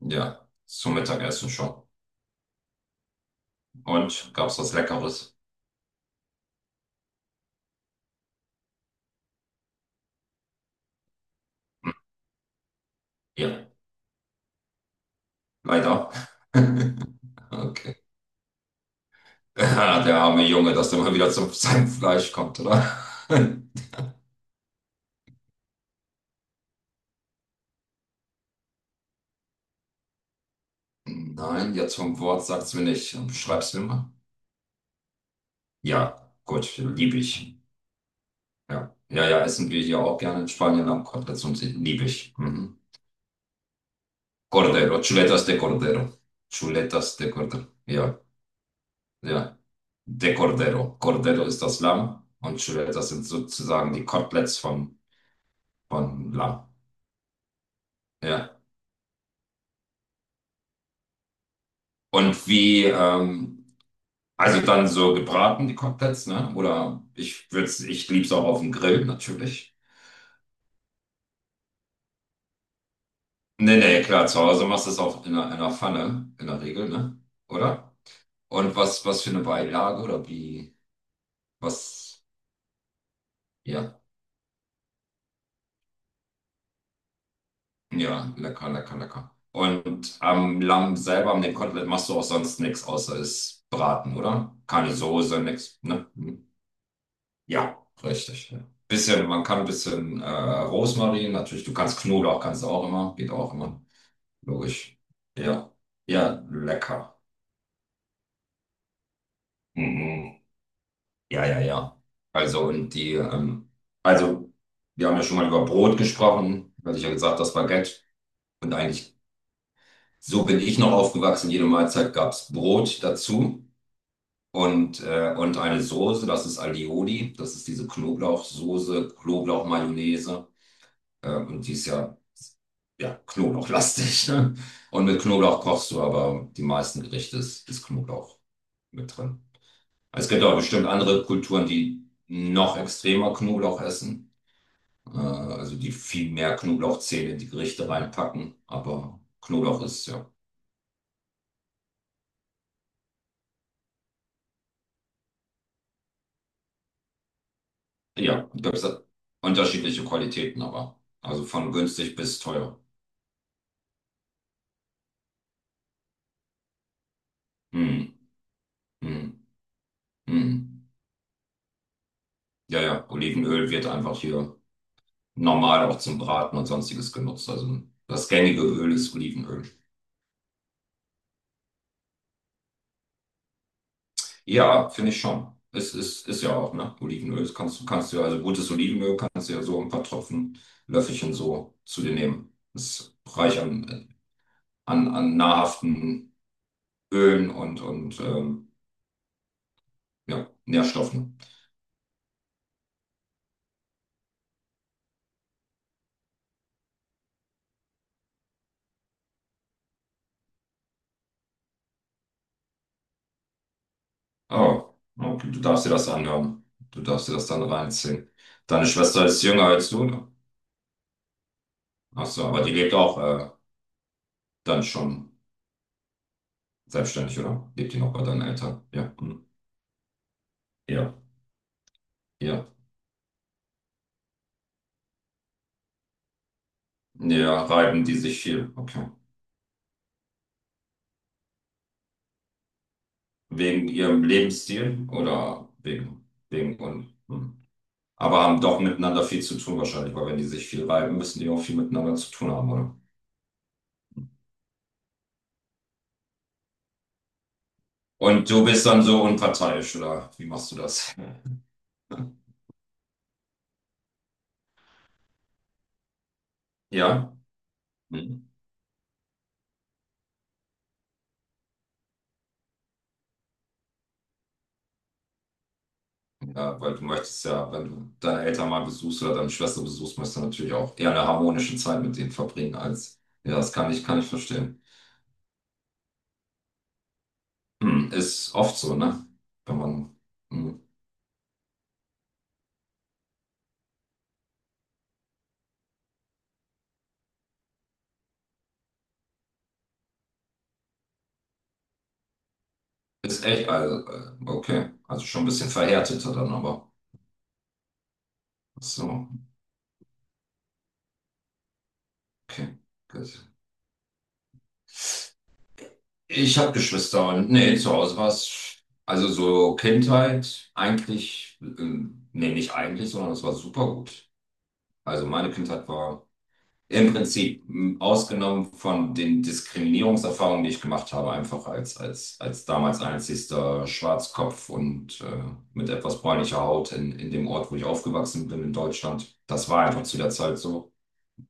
Ja, zum Mittagessen schon. Und gab's was Leckeres? Ja, leider. Okay. Ja, der arme Junge, dass der mal wieder zu seinem Fleisch kommt, oder? Nein, jetzt vom Wort sagt's mir nicht. Schreib's mir mal. Ja, gut, liebe ich. Ja. Ja, ja, essen wir hier auch gerne in Spanien Lammkoteletts und liebe ich. Mhm. Cordero, chuletas de cordero. Chuletas de cordero. Ja. Ja. De Cordero. Cordero ist das Lamm und Chuleta das sind sozusagen die Koteletts vom, vom Lamm. Ja. Und wie, also dann so gebraten, die Koteletts, ne? Oder ich lieb's auch auf dem Grill, natürlich. Nee, nee, klar, zu Hause machst du es auch in einer Pfanne, in der Regel, ne? Oder? Und was, was für eine Beilage oder wie, was, ja. Ja, lecker, lecker, lecker. Und am Lamm selber, am dem Kotelett, machst du auch sonst nichts, außer es braten, oder? Keine Soße, nichts, ne? Ja, richtig. Ja. Bisschen, man kann ein bisschen Rosmarin, natürlich, du kannst Knoblauch, kannst du auch immer, geht auch immer. Logisch. Ja, ja, lecker. Mhm. Ja, ja, ja. Also, und die, also, wir haben ja schon mal über Brot gesprochen, weil ich ja gesagt, das Baguette. Und eigentlich so bin ich noch aufgewachsen. Jede Mahlzeit gab es Brot dazu und eine Soße. Das ist Alioli. Das ist diese Knoblauchsoße, Knoblauchmayonnaise. Und die ist ja, ja knoblauchlastig. Ne? Und mit Knoblauch kochst du, aber die meisten Gerichte ist, ist Knoblauch mit drin. Es gibt auch bestimmt andere Kulturen, die noch extremer Knoblauch essen. Also die viel mehr Knoblauchzehen in die Gerichte reinpacken. Aber Knoblauch ist ja ja, gibt es unterschiedliche Qualitäten, aber. Also von günstig bis teuer. Hm, hm, hm. Ja, ja, Olivenöl wird einfach hier normal auch zum Braten und sonstiges genutzt. Also das gängige Öl ist Olivenöl. Ja, finde ich schon. Es ist, ist ja auch, ne? Olivenöl. Das kannst du ja, also gutes Olivenöl kannst du ja so ein paar Tropfen, Löffelchen so zu dir nehmen. Ist reich an, an, an nahrhaften Ölen und ja, Nährstoffen. Oh, okay, du darfst dir das anhören. Du darfst dir das dann reinziehen. Deine Schwester ist jünger als du, ne? Ach so, aber die lebt auch dann schon selbstständig, oder? Lebt die noch bei deinen Eltern? Ja, hm. Ja, ja. Ja, reiben die sich viel. Okay. Wegen ihrem Lebensstil oder wegen, wegen und. Hm. Aber haben doch miteinander viel zu tun wahrscheinlich, weil wenn die sich viel reiben, müssen die auch viel miteinander zu tun haben, oder? Und du bist dann so unparteiisch, oder? Wie machst du das? Ja? Hm. Ja, weil du möchtest ja, wenn du deine Eltern mal besuchst oder deine Schwester besuchst, möchtest du natürlich auch eher eine harmonische Zeit mit denen verbringen als, ja, das kann ich verstehen. Hm, ist oft so, ne? Wenn man, hm, ist echt, also, okay, also schon ein bisschen verhärteter dann, aber so, okay, gut. Ich habe Geschwister und, nee, zu Hause war es, also so Kindheit, eigentlich, nee, nicht eigentlich, sondern es war super gut. Also meine Kindheit war im Prinzip, ausgenommen von den Diskriminierungserfahrungen, die ich gemacht habe, einfach als damals einzigster Schwarzkopf und mit etwas bräunlicher Haut in dem Ort, wo ich aufgewachsen bin, in Deutschland. Das war einfach zu der Zeit so.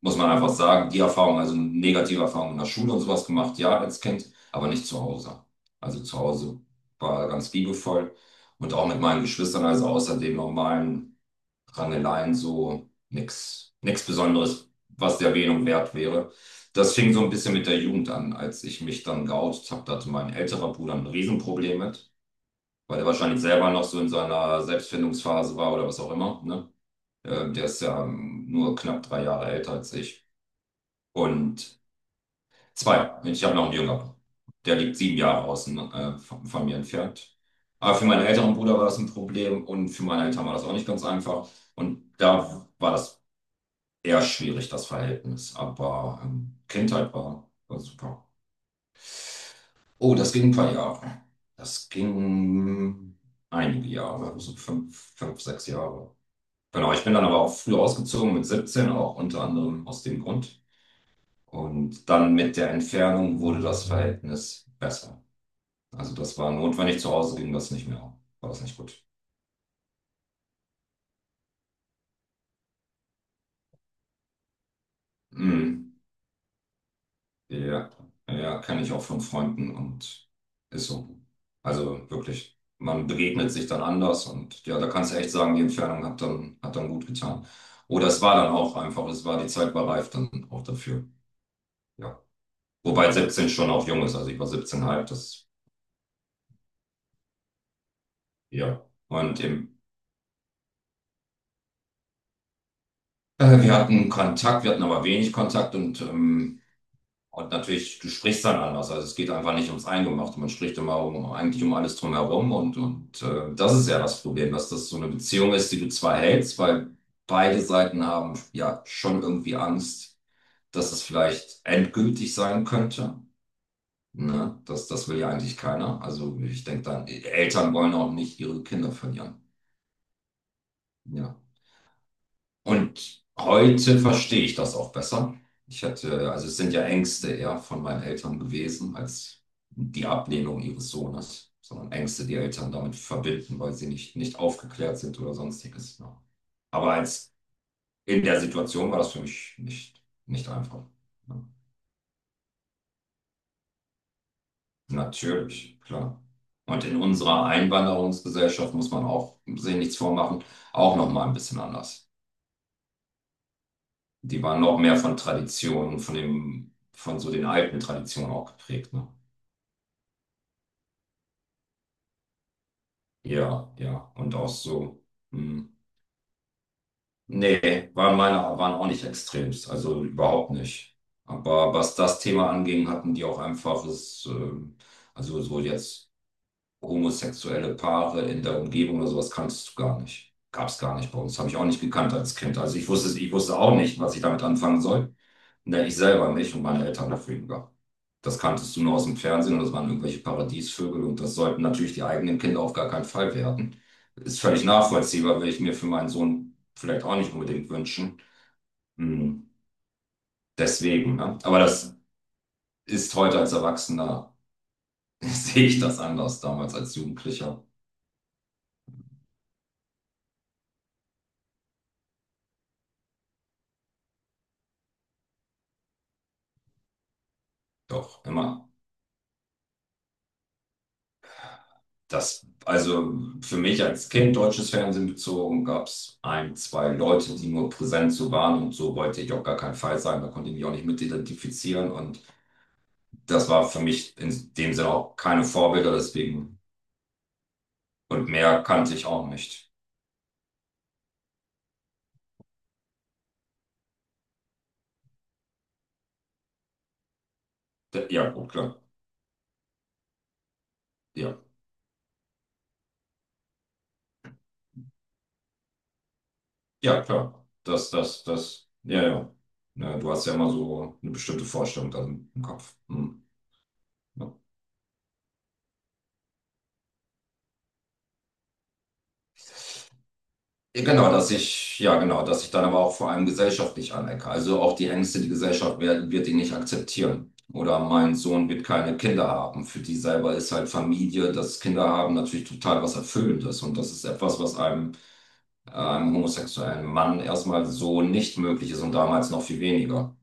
Muss man einfach sagen, die Erfahrung, also negative Erfahrungen in der Schule und sowas gemacht, ja, als Kind, aber nicht zu Hause. Also zu Hause war ganz liebevoll und auch mit meinen Geschwistern, also außer dem normalen Rangeleien, so nichts Besonderes, was der Erwähnung wert wäre. Das fing so ein bisschen mit der Jugend an, als ich mich dann geoutet habe. Da hatte mein älterer Bruder ein Riesenproblem mit, weil er wahrscheinlich selber noch so in seiner Selbstfindungsphase war oder was auch immer. Ne? Der ist ja nur knapp 3 Jahre älter als ich. Und zwei, ich habe noch einen jüngeren. Der liegt 7 Jahre außen von mir entfernt. Aber für meinen älteren Bruder war das ein Problem und für meine Eltern war das auch nicht ganz einfach. Und da war das eher schwierig, das Verhältnis, aber Kindheit war, war super. Oh, das ging ein paar Jahre. Das ging einige Jahre, so fünf, fünf, sechs Jahre. Genau, ich bin dann aber auch früh ausgezogen, mit 17 auch, unter anderem aus dem Grund. Und dann mit der Entfernung wurde das Verhältnis besser. Also das war notwendig, zu Hause ging das nicht mehr. War das nicht gut. Mm. Ja, ja, kenne ich auch von Freunden und ist so. Also wirklich, man begegnet sich dann anders und ja, da kannst du echt sagen, die Entfernung hat dann gut getan. Oder es war dann auch einfach, es war, die Zeit war reif dann auch dafür. Ja. Wobei 17 schon auch jung ist, also ich war 17,5, das, ja. Und im, wir hatten Kontakt, wir hatten aber wenig Kontakt und und natürlich, du sprichst dann anders. Also es geht einfach nicht ums Eingemachte. Man spricht immer um, eigentlich um alles drumherum. Und das ist ja das Problem, dass das so eine Beziehung ist, die du zwar hältst, weil beide Seiten haben ja schon irgendwie Angst, dass es vielleicht endgültig sein könnte. Ne? Das, das will ja eigentlich keiner. Also ich denke dann, Eltern wollen auch nicht ihre Kinder verlieren. Ja. Und heute verstehe ich das auch besser. Ich hatte, also es sind ja Ängste eher von meinen Eltern gewesen als die Ablehnung ihres Sohnes, sondern Ängste, die Eltern damit verbinden, weil sie nicht, nicht aufgeklärt sind oder sonstiges. Ja. Aber als in der Situation war das für mich nicht, nicht einfach. Ja. Natürlich, klar. Und in unserer Einwanderungsgesellschaft muss man auch, sich nichts vormachen, auch noch mal ein bisschen anders. Die waren noch mehr von Traditionen, von dem, von so den alten Traditionen auch geprägt, ne? Ja, ja. Und auch so, hm. Nee, waren meine, waren auch nicht extremst, also überhaupt nicht. Aber was das Thema anging, hatten die auch einfach, es, also so jetzt. Homosexuelle Paare in der Umgebung oder sowas kanntest du gar nicht. Gab es gar nicht bei uns. Habe ich auch nicht gekannt als Kind. Also ich wusste auch nicht, was ich damit anfangen soll. Ne, ich selber nicht und meine Eltern dafür gar. Das kanntest du nur aus dem Fernsehen und das waren irgendwelche Paradiesvögel und das sollten natürlich die eigenen Kinder auf gar keinen Fall werden. Ist völlig nachvollziehbar, will ich mir für meinen Sohn vielleicht auch nicht unbedingt wünschen. Hm, deswegen, ne? Aber das ist heute als Erwachsener, sehe ich das anders damals als Jugendlicher. Doch, immer. Das, also für mich als Kind deutsches Fernsehen bezogen, gab es ein, zwei Leute, die nur präsent so waren und so wollte ich auf gar keinen Fall sein. Da konnte ich mich auch nicht mit identifizieren und das war für mich in dem Sinne auch keine Vorbilder, deswegen und mehr kannte ich auch nicht. Ja, gut, klar. Ja, ja, klar. Das, das, das, ja, ja. Ja, du hast ja immer so eine bestimmte Vorstellung dann im Kopf. Hm. Ja. Ja, genau, dass ich, ja, genau, dass ich dann aber auch vor allem gesellschaftlich anecke. Also auch die Ängste, die Gesellschaft wird, wird ihn nicht akzeptieren. Oder mein Sohn wird keine Kinder haben. Für die selber ist halt Familie, das Kinder haben natürlich total was Erfüllendes. Und das ist etwas, was einem, einem homosexuellen Mann erstmal so nicht möglich ist und damals noch viel weniger.